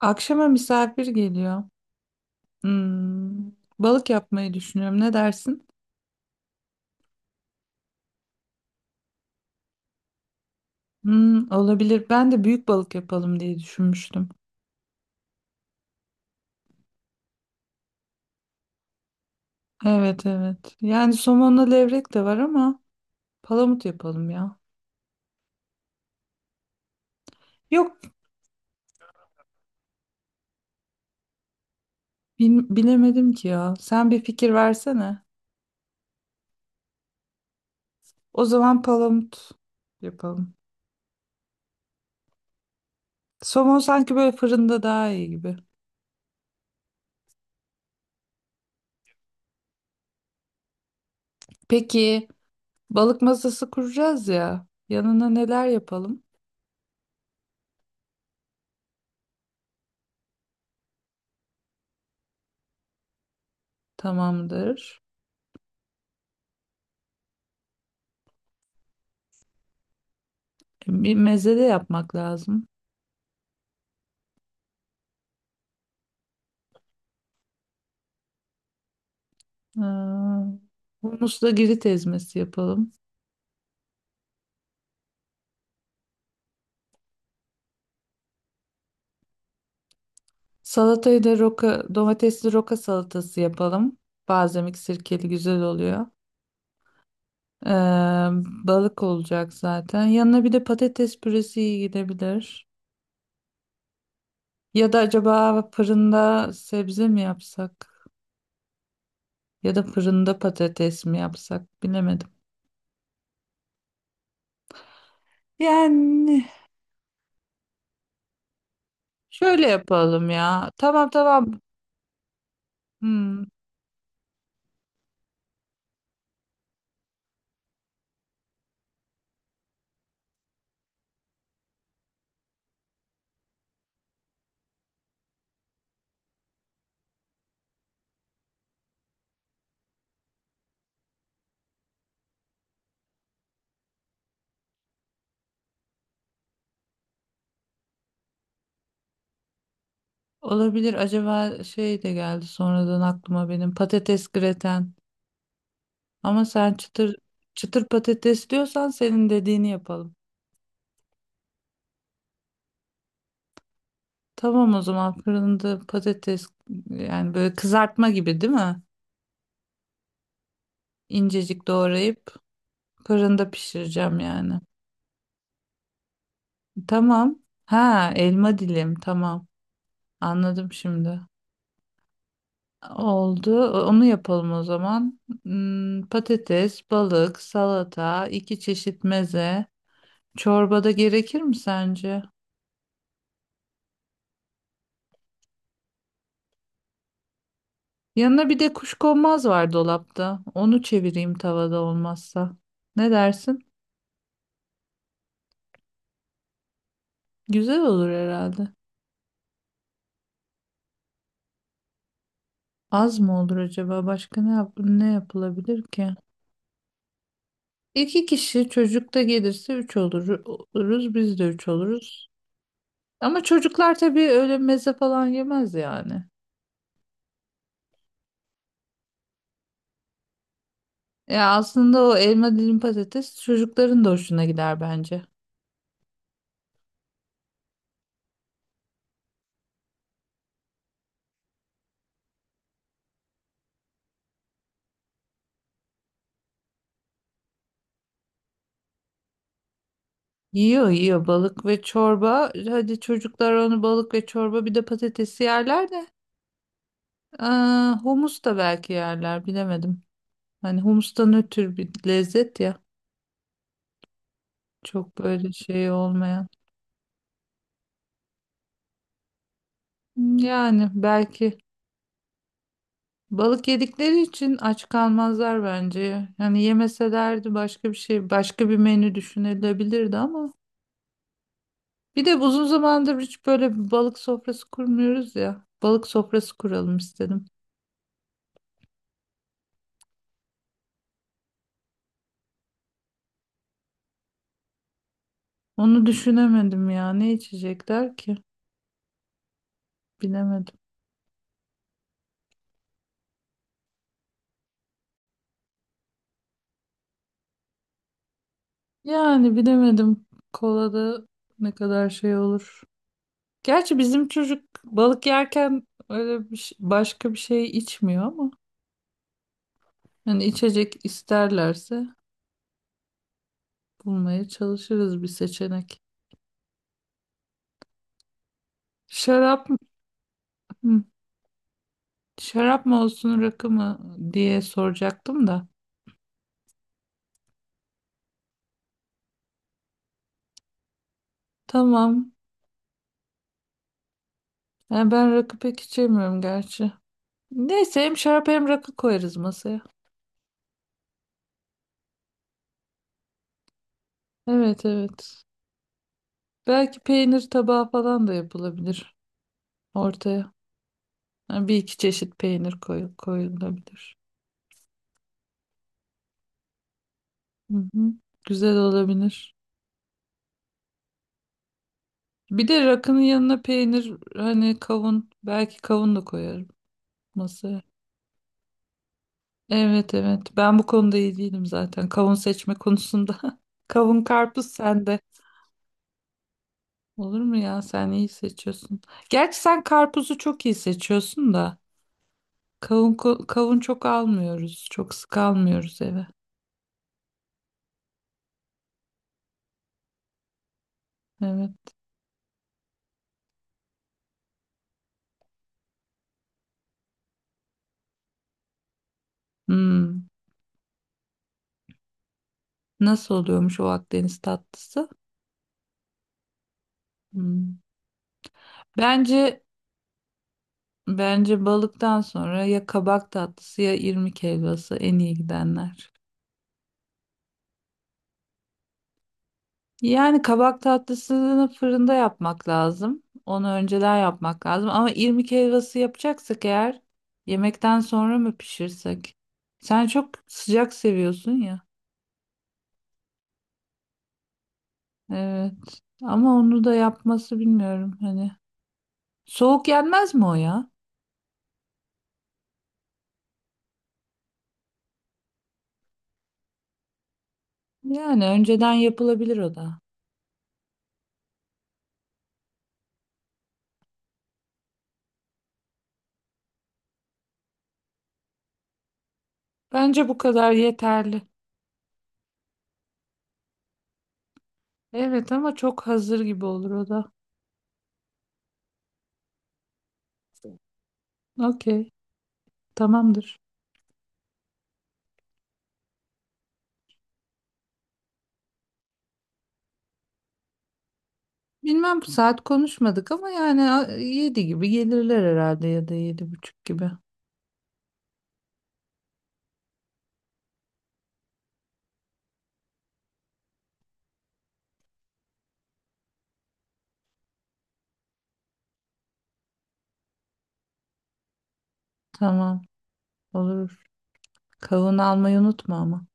Akşama misafir geliyor. Hmm, balık yapmayı düşünüyorum. Ne dersin? Hmm, olabilir. Ben de büyük balık yapalım diye düşünmüştüm. Evet evet. Yani somonla levrek de var ama palamut yapalım ya. Yok bilemedim ki ya. Sen bir fikir versene. O zaman palamut yapalım. Somon sanki böyle fırında daha iyi gibi. Peki balık masası kuracağız ya. Yanına neler yapalım? Tamamdır. Bir meze de yapmak lazım. Aa, humusla girit ezmesi yapalım. Salatayı da roka, domatesli roka salatası yapalım. Balzamik sirkeli güzel oluyor. Ee, Balık olacak zaten. Yanına bir de patates püresi iyi gidebilir. Ya da acaba fırında sebze mi yapsak? Ya da fırında patates mi yapsak? Bilemedim. Yani şöyle yapalım ya. Tamam tamam. Hmm, olabilir. Acaba şey de geldi sonradan aklıma benim patates greten. Ama sen çıtır çıtır patates diyorsan senin dediğini yapalım. Tamam o zaman fırında patates yani böyle kızartma gibi değil mi? İncecik doğrayıp fırında pişireceğim yani. Tamam. Ha elma dilim tamam. Anladım şimdi. Oldu. Onu yapalım o zaman. Hmm, patates, balık, salata, iki çeşit meze. Çorbada gerekir mi sence? Yanına bir de kuşkonmaz var dolapta. Onu çevireyim tavada olmazsa. Ne dersin? Güzel olur herhalde. Az mı olur acaba? Başka ne yapılabilir ki? İki kişi, çocuk da gelirse üç olur, oluruz. Biz de üç oluruz. Ama çocuklar tabii öyle meze falan yemez yani. Ya aslında o elma dilim patates çocukların da hoşuna gider bence. Yiyor yiyor, balık ve çorba. Hadi çocuklar onu, balık ve çorba bir de patatesi yerler de. Aa, humus da belki yerler, bilemedim. Hani humustan ötürü bir lezzet ya. Çok böyle şey olmayan. Yani belki balık yedikleri için aç kalmazlar bence. Yani yemeselerdi başka bir şey, başka bir menü düşünülebilirdi ama. Bir de uzun zamandır hiç böyle bir balık sofrası kurmuyoruz ya. Balık sofrası kuralım istedim. Onu düşünemedim ya. Ne içecekler ki? Bilemedim. Yani bilemedim. Kolada ne kadar şey olur. Gerçi bizim çocuk balık yerken öyle başka bir şey içmiyor ama hani içecek isterlerse bulmaya çalışırız bir seçenek. Şarap mı- hı, şarap mı olsun rakı mı diye soracaktım da. Tamam. Yani ben rakı pek içemiyorum gerçi. Neyse hem şarap hem rakı koyarız masaya. Evet evet. Belki peynir tabağı falan da yapılabilir ortaya. Yani bir iki çeşit peynir koyulabilir. Hı hı. Güzel olabilir. Bir de rakının yanına peynir, hani kavun, belki kavun da koyarım masaya. Evet evet, ben bu konuda iyi değilim zaten, kavun seçme konusunda. Kavun karpuz sende. Olur mu ya, sen iyi seçiyorsun. Gerçi sen karpuzu çok iyi seçiyorsun da kavun kavun çok almıyoruz. Çok sık almıyoruz eve. Evet. Hmm. Nasıl oluyormuş o Akdeniz tatlısı? Hmm. Bence Bence balıktan sonra ya kabak tatlısı ya irmik helvası en iyi gidenler. Yani kabak tatlısını fırında yapmak lazım. Onu önceden yapmak lazım. Ama irmik helvası yapacaksak eğer yemekten sonra mı pişirsek? Sen çok sıcak seviyorsun ya. Evet. Ama onu da yapması bilmiyorum hani. Soğuk yenmez mi o ya? Yani önceden yapılabilir o da. Bence bu kadar yeterli. Evet ama çok hazır gibi olur o da. Okey, tamamdır. Bilmem, bu saat konuşmadık ama yani yedi gibi gelirler herhalde ya da yedi buçuk gibi. Tamam, olur. Kavun almayı unutma ama.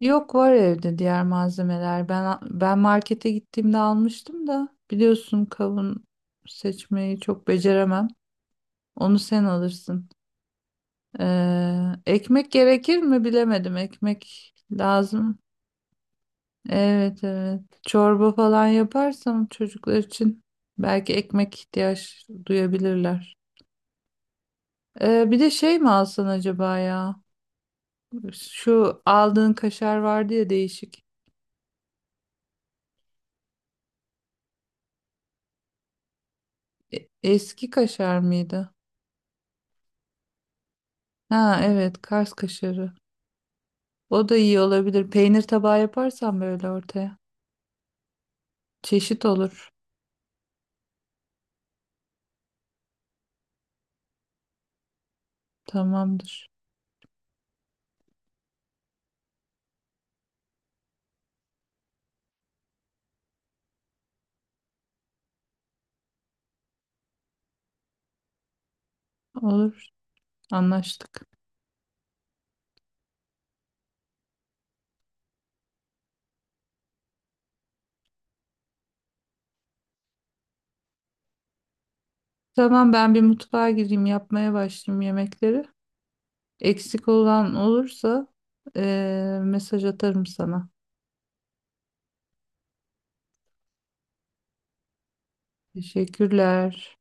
Yok, var evde diğer malzemeler. Ben markete gittiğimde almıştım da, biliyorsun, kavun seçmeyi çok beceremem. Onu sen alırsın. Ekmek gerekir mi bilemedim. Ekmek lazım. Evet evet. Çorba falan yaparsam çocuklar için belki ekmek ihtiyaç duyabilirler. Bir de şey mi alsan acaba ya? Şu aldığın kaşar vardı ya, değişik. Eski kaşar mıydı? Ha evet, Kars kaşarı. O da iyi olabilir. Peynir tabağı yaparsan böyle ortaya. Çeşit olur. Tamamdır. Olur. Anlaştık. Tamam, ben bir mutfağa gireyim, yapmaya başlayayım yemekleri. Eksik olan olursa mesaj atarım sana. Teşekkürler.